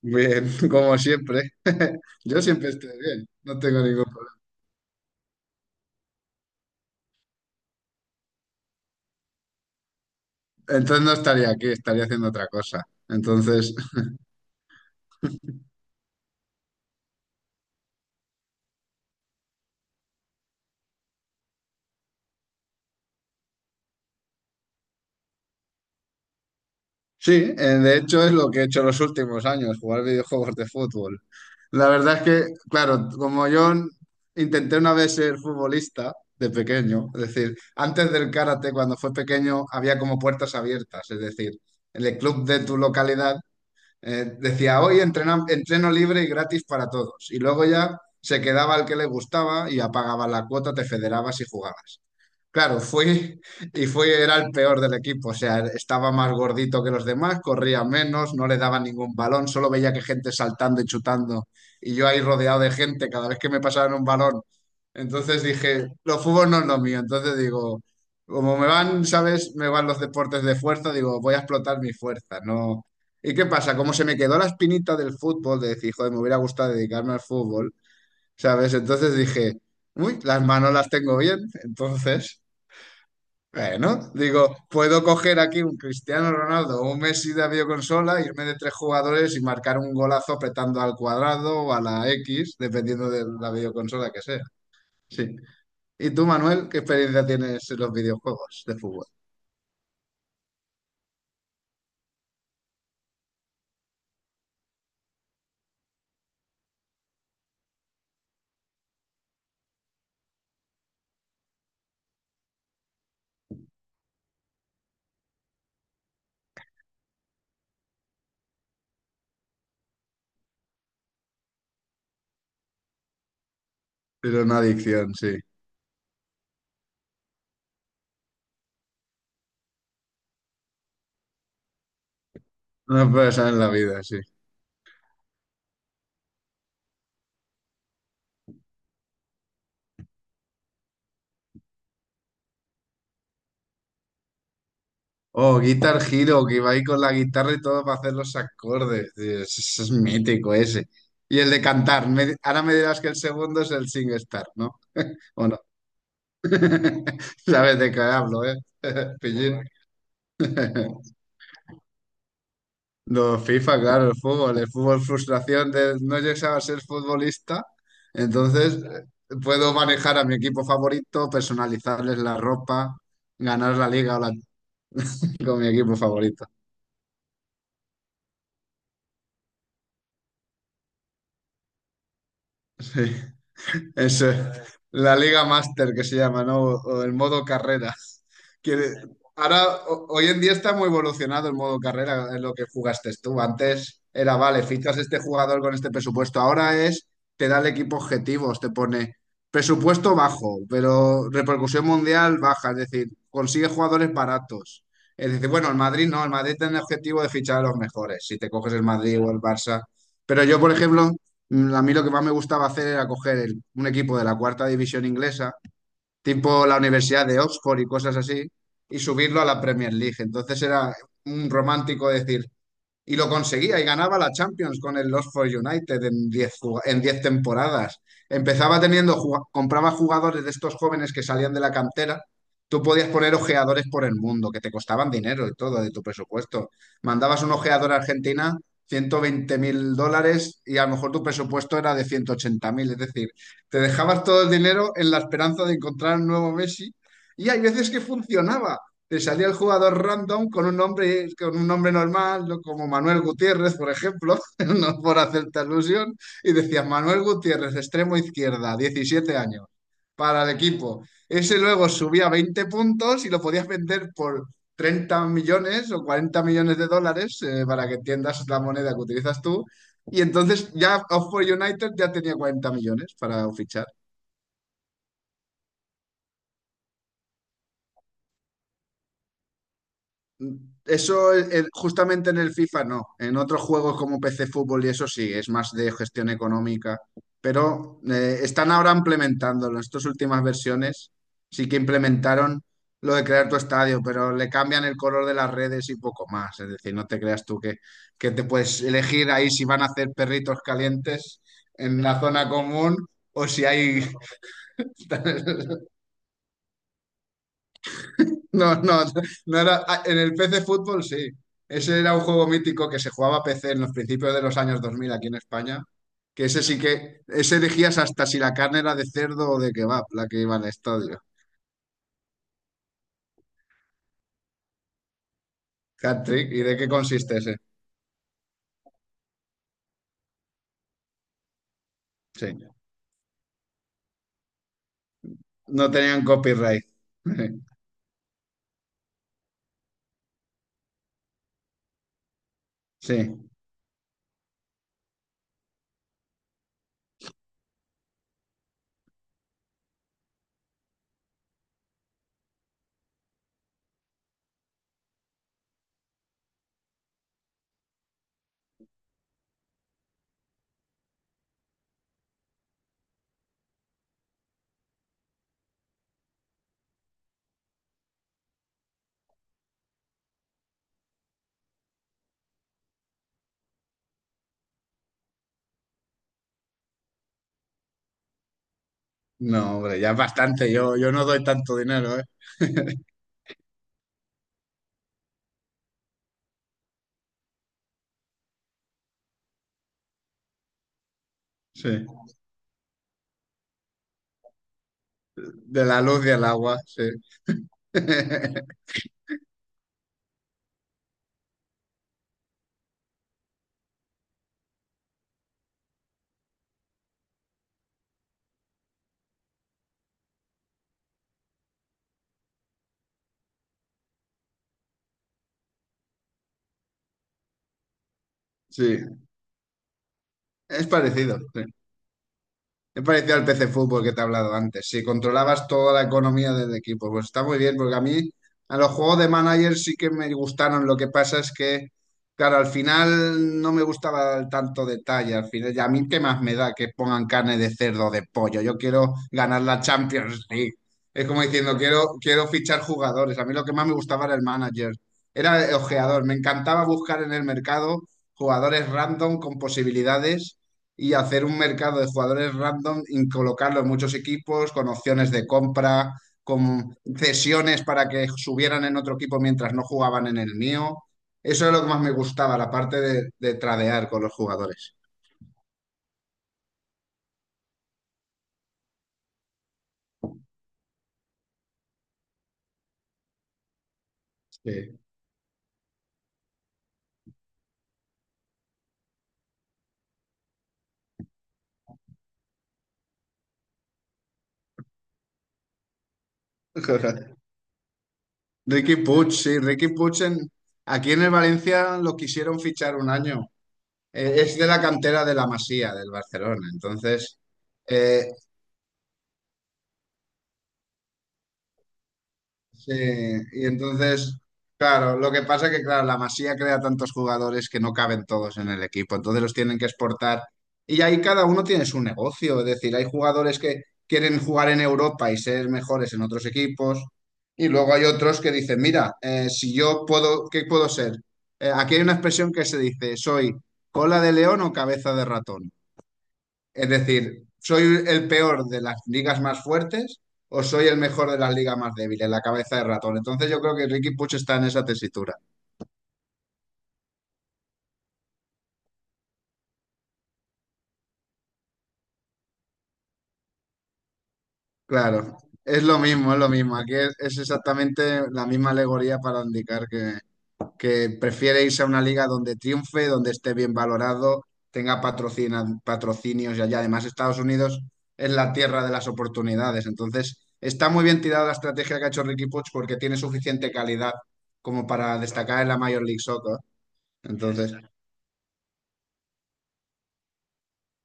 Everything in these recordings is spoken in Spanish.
Bien, como siempre. Yo siempre estoy bien, no tengo ningún problema. Entonces no estaría aquí, estaría haciendo otra cosa. Entonces, sí, de hecho es lo que he hecho los últimos años, jugar videojuegos de fútbol. La verdad es que, claro, como yo intenté una vez ser futbolista de pequeño, es decir, antes del karate, cuando fue pequeño, había como puertas abiertas, es decir, en el club de tu localidad. Decía, hoy entreno libre y gratis para todos. Y luego ya se quedaba el que le gustaba y apagaba la cuota, te federabas y jugabas. Claro, fui era el peor del equipo, o sea, estaba más gordito que los demás, corría menos, no le daba ningún balón, solo veía que gente saltando y chutando y yo ahí rodeado de gente cada vez que me pasaban un balón. Entonces dije, los fútbol no es lo mío, entonces digo, como me van, ¿sabes? Me van los deportes de fuerza, digo, voy a explotar mi fuerza, ¿no? ¿Y qué pasa? Como se me quedó la espinita del fútbol, de decir, joder, me hubiera gustado dedicarme al fútbol, ¿sabes? Entonces dije, uy, las manos las tengo bien, entonces... Bueno, digo, puedo coger aquí un Cristiano Ronaldo o un Messi de videoconsola, irme de tres jugadores y marcar un golazo apretando al cuadrado o a la X, dependiendo de la videoconsola que sea. Sí. ¿Y tú, Manuel, qué experiencia tienes en los videojuegos de fútbol? Pero una adicción, sí. Una persona en la vida, sí. Oh, Guitar Hero, que iba ahí con la guitarra y todo para hacer los acordes. Dios, ese es mítico ese. Y el de cantar. Ahora me dirás que el segundo es el SingStar, ¿no? ¿O no? Sabes de qué hablo, ¿eh? Pillín. No, FIFA, claro, el fútbol frustración de no llegar a ser futbolista, entonces puedo manejar a mi equipo favorito, personalizarles la ropa, ganar la liga o la- con mi equipo favorito. Sí. Es la Liga Master que se llama, ¿no? O el modo carrera. Quiere- ahora, hoy en día está muy evolucionado el modo carrera, es lo que jugaste tú. Antes era, vale, fichas este jugador con este presupuesto. Ahora es, te da el equipo objetivos, te pone presupuesto bajo, pero repercusión mundial baja, es decir, consigue jugadores baratos. Es decir, bueno, el Madrid no, el Madrid tiene el objetivo de fichar a los mejores, si te coges el Madrid o el Barça. Pero yo, por ejemplo, a mí lo que más me gustaba hacer era coger un equipo de la cuarta división inglesa, tipo la Universidad de Oxford y cosas así, y subirlo a la Premier League. Entonces era un romántico decir, y lo conseguía y ganaba la Champions con el Los for United en 10 temporadas. Empezaba teniendo, compraba jugadores de estos jóvenes que salían de la cantera. Tú podías poner ojeadores por el mundo, que te costaban dinero y todo de tu presupuesto. Mandabas un ojeador a Argentina, $120.000, y a lo mejor tu presupuesto era de 180.000. Es decir, te dejabas todo el dinero en la esperanza de encontrar un nuevo Messi. Y hay veces que funcionaba. Te salía el jugador random con un nombre normal, ¿no? Como Manuel Gutiérrez, por ejemplo, no por hacerte alusión, y decía Manuel Gutiérrez, extremo izquierda, 17 años, para el equipo. Ese luego subía 20 puntos y lo podías vender por 30 millones o 40 millones de dólares, para que entiendas la moneda que utilizas tú. Y entonces ya Oxford United ya tenía 40 millones para fichar. Eso justamente en el FIFA no. En otros juegos como PC Fútbol y eso sí, es más de gestión económica. Pero están ahora implementándolo. En estas últimas versiones sí que implementaron lo de crear tu estadio, pero le cambian el color de las redes y poco más. Es decir, no te creas tú que te puedes elegir ahí si van a hacer perritos calientes en la zona común o si hay No, no, no era. En el PC Fútbol sí. Ese era un juego mítico que se jugaba a PC en los principios de los años 2000 aquí en España. Que ese sí que. Ese elegías hasta si la carne era de cerdo o de kebab, la que iba al estadio. Hat-trick. ¿Y de qué consiste ese? Sí. No tenían copyright. Sí. No, hombre, ya es bastante. Yo no doy tanto dinero, ¿eh? Sí. De la luz y el agua, sí. Sí. Es parecido. Sí. Me pareció al PC Fútbol que te he hablado antes. Si controlabas toda la economía del equipo, pues está muy bien, porque a mí a los juegos de manager sí que me gustaron. Lo que pasa es que, claro, al final no me gustaba el tanto detalle. Al final, ya a mí qué más me da que pongan carne de cerdo o de pollo. Yo quiero ganar la Champions League. Es como diciendo, quiero fichar jugadores. A mí lo que más me gustaba era el manager. Era el ojeador. Me encantaba buscar en el mercado jugadores random con posibilidades y hacer un mercado de jugadores random y colocarlo en muchos equipos con opciones de compra, con cesiones para que subieran en otro equipo mientras no jugaban en el mío. Eso es lo que más me gustaba, la parte de tradear con los jugadores. Sí. Ricky Puig, sí, Ricky Puig aquí en el Valencia lo quisieron fichar un año. Es de la cantera de la Masía, del Barcelona. Entonces, eh, sí, y entonces, claro, lo que pasa es que, claro, la Masía crea tantos jugadores que no caben todos en el equipo, entonces los tienen que exportar. Y ahí cada uno tiene su negocio, es decir, hay jugadores que quieren jugar en Europa y ser mejores en otros equipos, y luego hay otros que dicen, mira, si yo puedo, ¿qué puedo ser? Aquí hay una expresión que se dice, soy cola de león o cabeza de ratón. Es decir, ¿soy el peor de las ligas más fuertes o soy el mejor de las ligas más débiles? La cabeza de ratón. Entonces yo creo que Ricky Puch está en esa tesitura. Claro, es lo mismo, es lo mismo. Aquí es exactamente la misma alegoría para indicar que prefiere irse a una liga donde triunfe, donde esté bien valorado, tenga patrocinios y allá. Además, Estados Unidos es la tierra de las oportunidades. Entonces, está muy bien tirada la estrategia que ha hecho Ricky Puig porque tiene suficiente calidad como para destacar en la Major League Soccer. Entonces,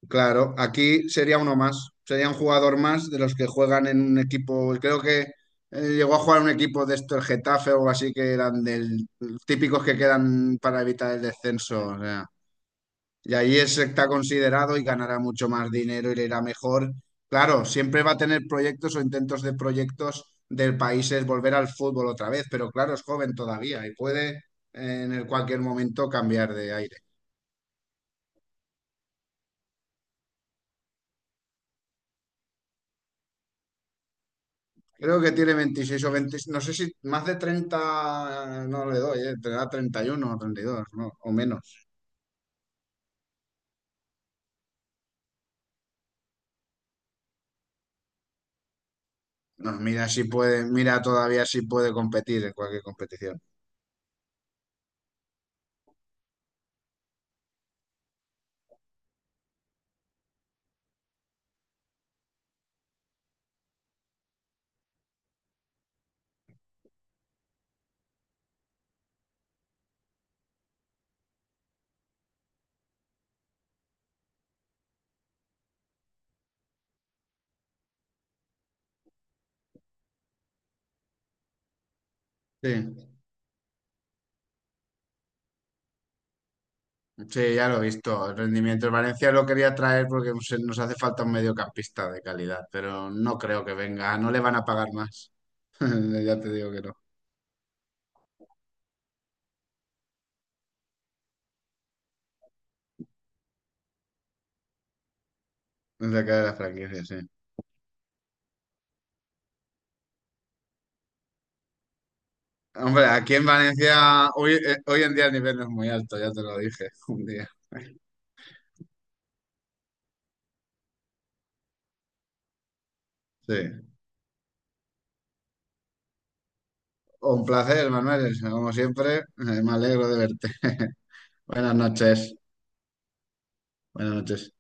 claro, aquí sería uno más, sería un jugador más de los que juegan en un equipo, creo que llegó a jugar en un equipo de esto, el Getafe o así, que eran del típicos que quedan para evitar el descenso. O sea. Y ahí está considerado y ganará mucho más dinero y le irá mejor. Claro, siempre va a tener proyectos o intentos de proyectos del país es volver al fútbol otra vez, pero claro, es joven todavía y puede en el cualquier momento cambiar de aire. Creo que tiene 26 o 20, no sé, si más de 30 no le doy, tendrá 31 o 32, ¿no? O menos. No, mira si puede, mira todavía si puede competir en cualquier competición. Sí. Sí, ya lo he visto. El rendimiento. El Valencia lo quería traer porque nos hace falta un mediocampista de calidad, pero no creo que venga. Ah, no le van a pagar más. Ya te digo que no. Es la cara de la franquicia, sí. Hombre, aquí en Valencia hoy, hoy en día el nivel no es muy alto, ya te lo dije un día. Sí. Un placer, Manuel. Como siempre, me alegro de verte. Buenas noches. Buenas noches.